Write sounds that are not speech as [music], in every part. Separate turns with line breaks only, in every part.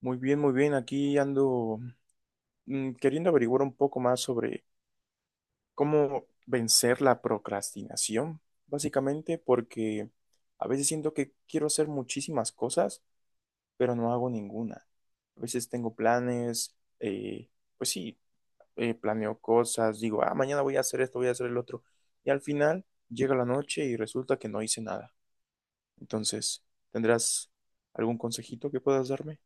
Muy bien, muy bien. Aquí ando queriendo averiguar un poco más sobre cómo vencer la procrastinación, básicamente, porque a veces siento que quiero hacer muchísimas cosas, pero no hago ninguna. A veces tengo planes, eh, pues sí, planeo cosas, digo, ah, mañana voy a hacer esto, voy a hacer el otro, y al final llega la noche y resulta que no hice nada. Entonces, ¿tendrás algún consejito que puedas darme?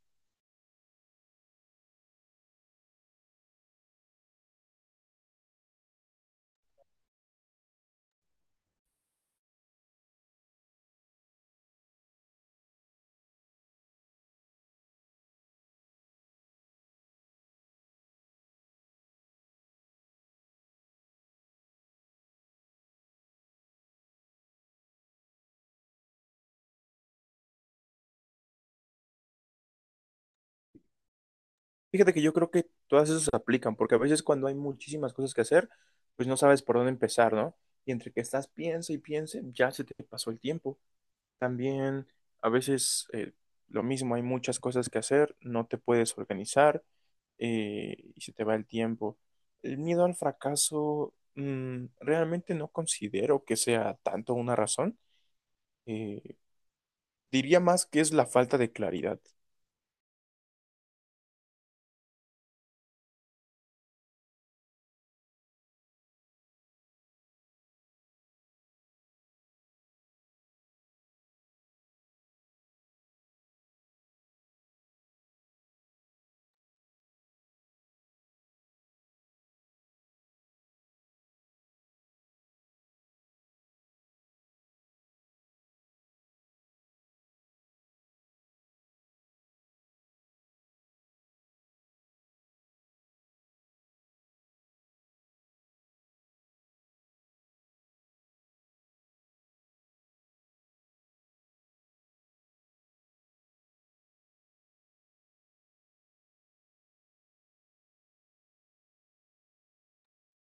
Fíjate que yo creo que todas esas aplican, porque a veces cuando hay muchísimas cosas que hacer, pues no sabes por dónde empezar, ¿no? Y entre que estás piense y piense, ya se te pasó el tiempo. También a veces lo mismo, hay muchas cosas que hacer, no te puedes organizar y se te va el tiempo. El miedo al fracaso, realmente no considero que sea tanto una razón. Eh, diría más que es la falta de claridad.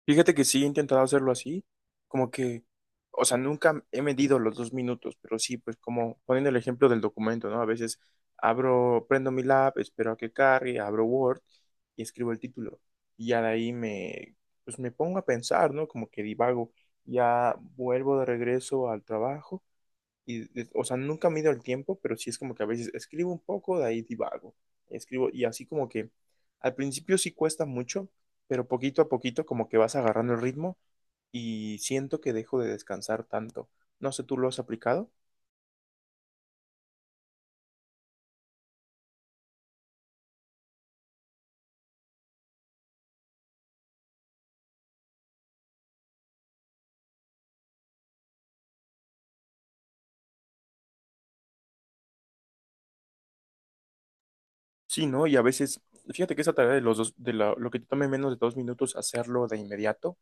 Fíjate que sí he intentado hacerlo así, como que, o sea, nunca he medido los 2 minutos, pero sí, pues como poniendo el ejemplo del documento, ¿no? A veces abro, prendo mi lab, espero a que cargue, abro Word y escribo el título. Y ya de ahí me, pues me pongo a pensar, ¿no? Como que divago, ya vuelvo de regreso al trabajo y, o sea, nunca mido el tiempo, pero sí es como que a veces escribo un poco, de ahí divago. Escribo y así como que al principio sí cuesta mucho, pero poquito a poquito como que vas agarrando el ritmo y siento que dejo de descansar tanto. No sé, ¿tú lo has aplicado? Sí, ¿no? Y a veces, fíjate que esa tarea de los dos, lo que te tome menos de 2 minutos, hacerlo de inmediato,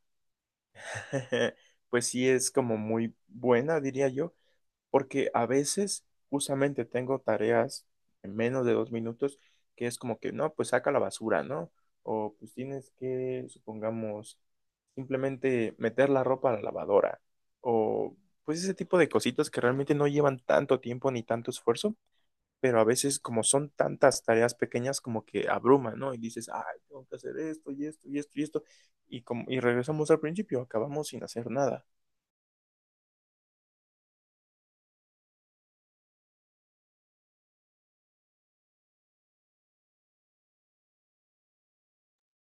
[laughs] pues sí es como muy buena, diría yo, porque a veces justamente tengo tareas en menos de 2 minutos que es como que, no, pues saca la basura, ¿no? O pues tienes que, supongamos, simplemente meter la ropa a la lavadora. O pues ese tipo de cositas que realmente no llevan tanto tiempo ni tanto esfuerzo, pero a veces como son tantas tareas pequeñas como que abruman, ¿no? Y dices, ay, tengo que hacer esto y esto y esto y esto. Y, como, y regresamos al principio, acabamos sin hacer nada.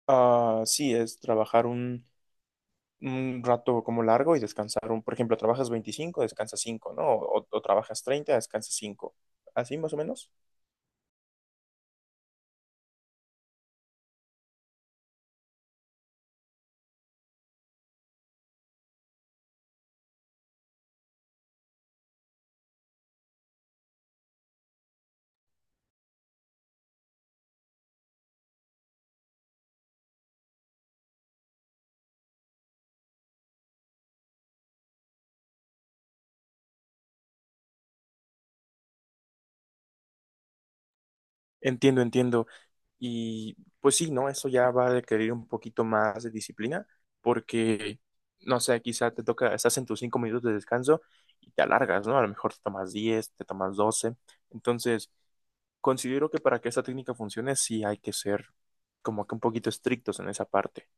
Ah, sí, es trabajar un rato como largo y descansar un, por ejemplo, trabajas 25, descansas 5, ¿no? O trabajas 30, descansas 5. Así más o menos. Entiendo, entiendo. Y pues sí, ¿no? Eso ya va a requerir un poquito más de disciplina porque, no sé, quizá te toca, estás en tus 5 minutos de descanso y te alargas, ¿no? A lo mejor te tomas 10, te tomas 12. Entonces, considero que para que esta técnica funcione sí hay que ser como que un poquito estrictos en esa parte,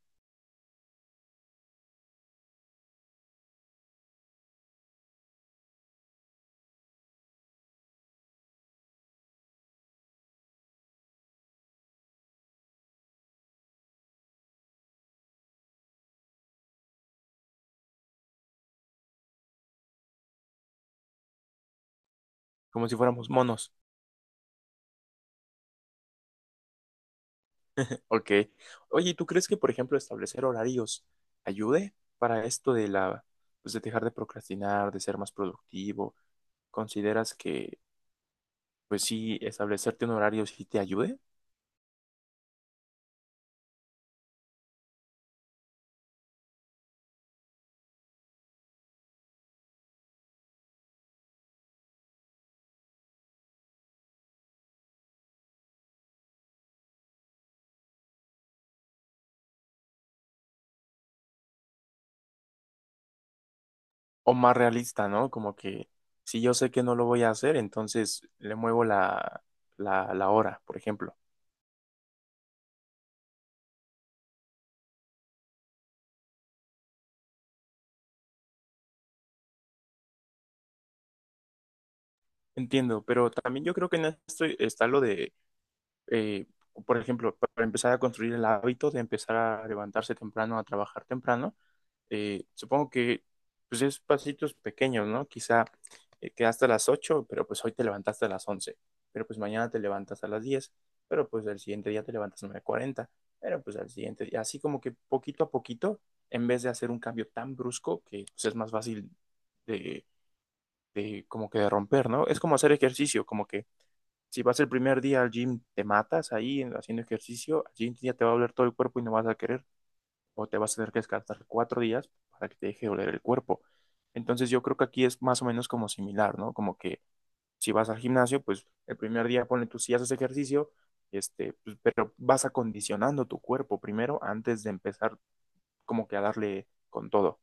como si fuéramos monos. Ok. Oye, ¿Y tú crees que, por ejemplo, establecer horarios ayude para esto de la, pues de dejar de procrastinar, de ser más productivo? ¿Consideras que, pues sí, establecerte un horario sí te ayude? O más realista, ¿no? Como que si yo sé que no lo voy a hacer, entonces le muevo la hora, por ejemplo. Entiendo, pero también yo creo que en esto está lo de, eh, por ejemplo, para empezar a construir el hábito de empezar a levantarse temprano, a trabajar temprano, supongo que pues es pasitos pequeños, ¿no? Quizá quedaste a las 8, pero pues hoy te levantaste a las 11, pero pues mañana te levantas a las 10, pero pues el siguiente día te levantas a las 9:40, pero pues al siguiente día, así como que poquito a poquito, en vez de hacer un cambio tan brusco que pues es más fácil de, como que de romper, ¿no? Es como hacer ejercicio, como que si vas el primer día al gym, te matas ahí haciendo ejercicio, al siguiente día te va a doler todo el cuerpo y no vas a querer, o te vas a tener que descansar 4 días para que te deje doler el cuerpo. Entonces yo creo que aquí es más o menos como similar, ¿no? Como que si vas al gimnasio, pues el primer día ponle tú si haces ejercicio, este, pues, pero vas acondicionando tu cuerpo primero antes de empezar como que a darle con todo.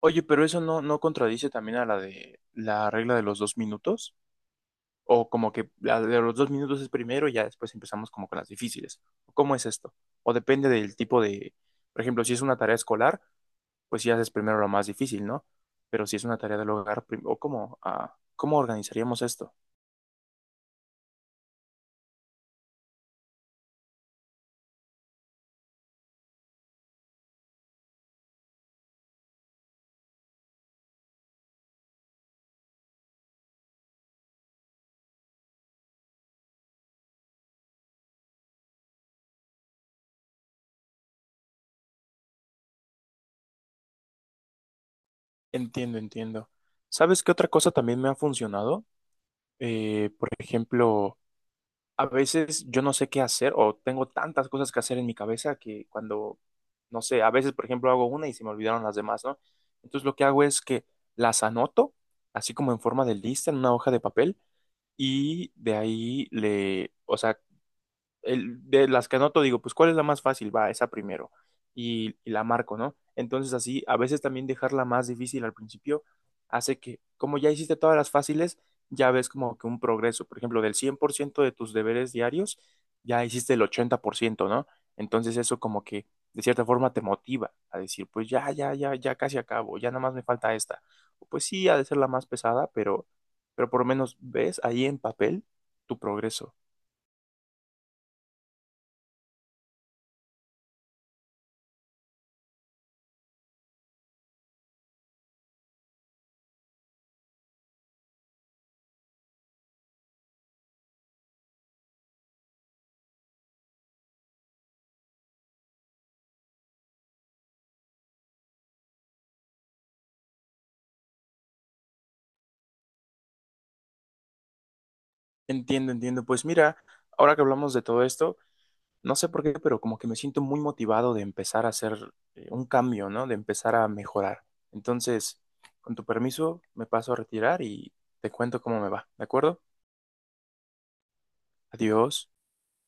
Oye, pero eso no, no contradice también a la de la regla de los 2 minutos, o como que la de los 2 minutos es primero y ya después empezamos como con las difíciles. ¿Cómo es esto? O depende del tipo de, por ejemplo, si es una tarea escolar, pues sí haces primero lo más difícil, ¿no? Pero si es una tarea del hogar, o cómo, ah, ¿cómo organizaríamos esto? Entiendo, entiendo. ¿Sabes qué otra cosa también me ha funcionado? Por ejemplo, a veces yo no sé qué hacer o tengo tantas cosas que hacer en mi cabeza que cuando, no sé, a veces, por ejemplo, hago una y se me olvidaron las demás, ¿no? Entonces lo que hago es que las anoto, así como en forma de lista, en una hoja de papel, y de ahí le, o sea, de las que anoto digo, pues ¿cuál es la más fácil? Va, esa primero. Y la marco, ¿no? Entonces así, a veces también dejarla más difícil al principio hace que, como ya hiciste todas las fáciles, ya ves como que un progreso. Por ejemplo, del 100% de tus deberes diarios, ya hiciste el 80%, ¿no? Entonces eso como que de cierta forma te motiva a decir, pues ya, ya, ya, ya casi acabo, ya nada más me falta esta. Pues sí, ha de ser la más pesada, pero por lo menos ves ahí en papel tu progreso. Entiendo, entiendo. Pues mira, ahora que hablamos de todo esto, no sé por qué, pero como que me siento muy motivado de empezar a hacer un cambio, ¿no? De empezar a mejorar. Entonces, con tu permiso, me paso a retirar y te cuento cómo me va, ¿de acuerdo? Adiós.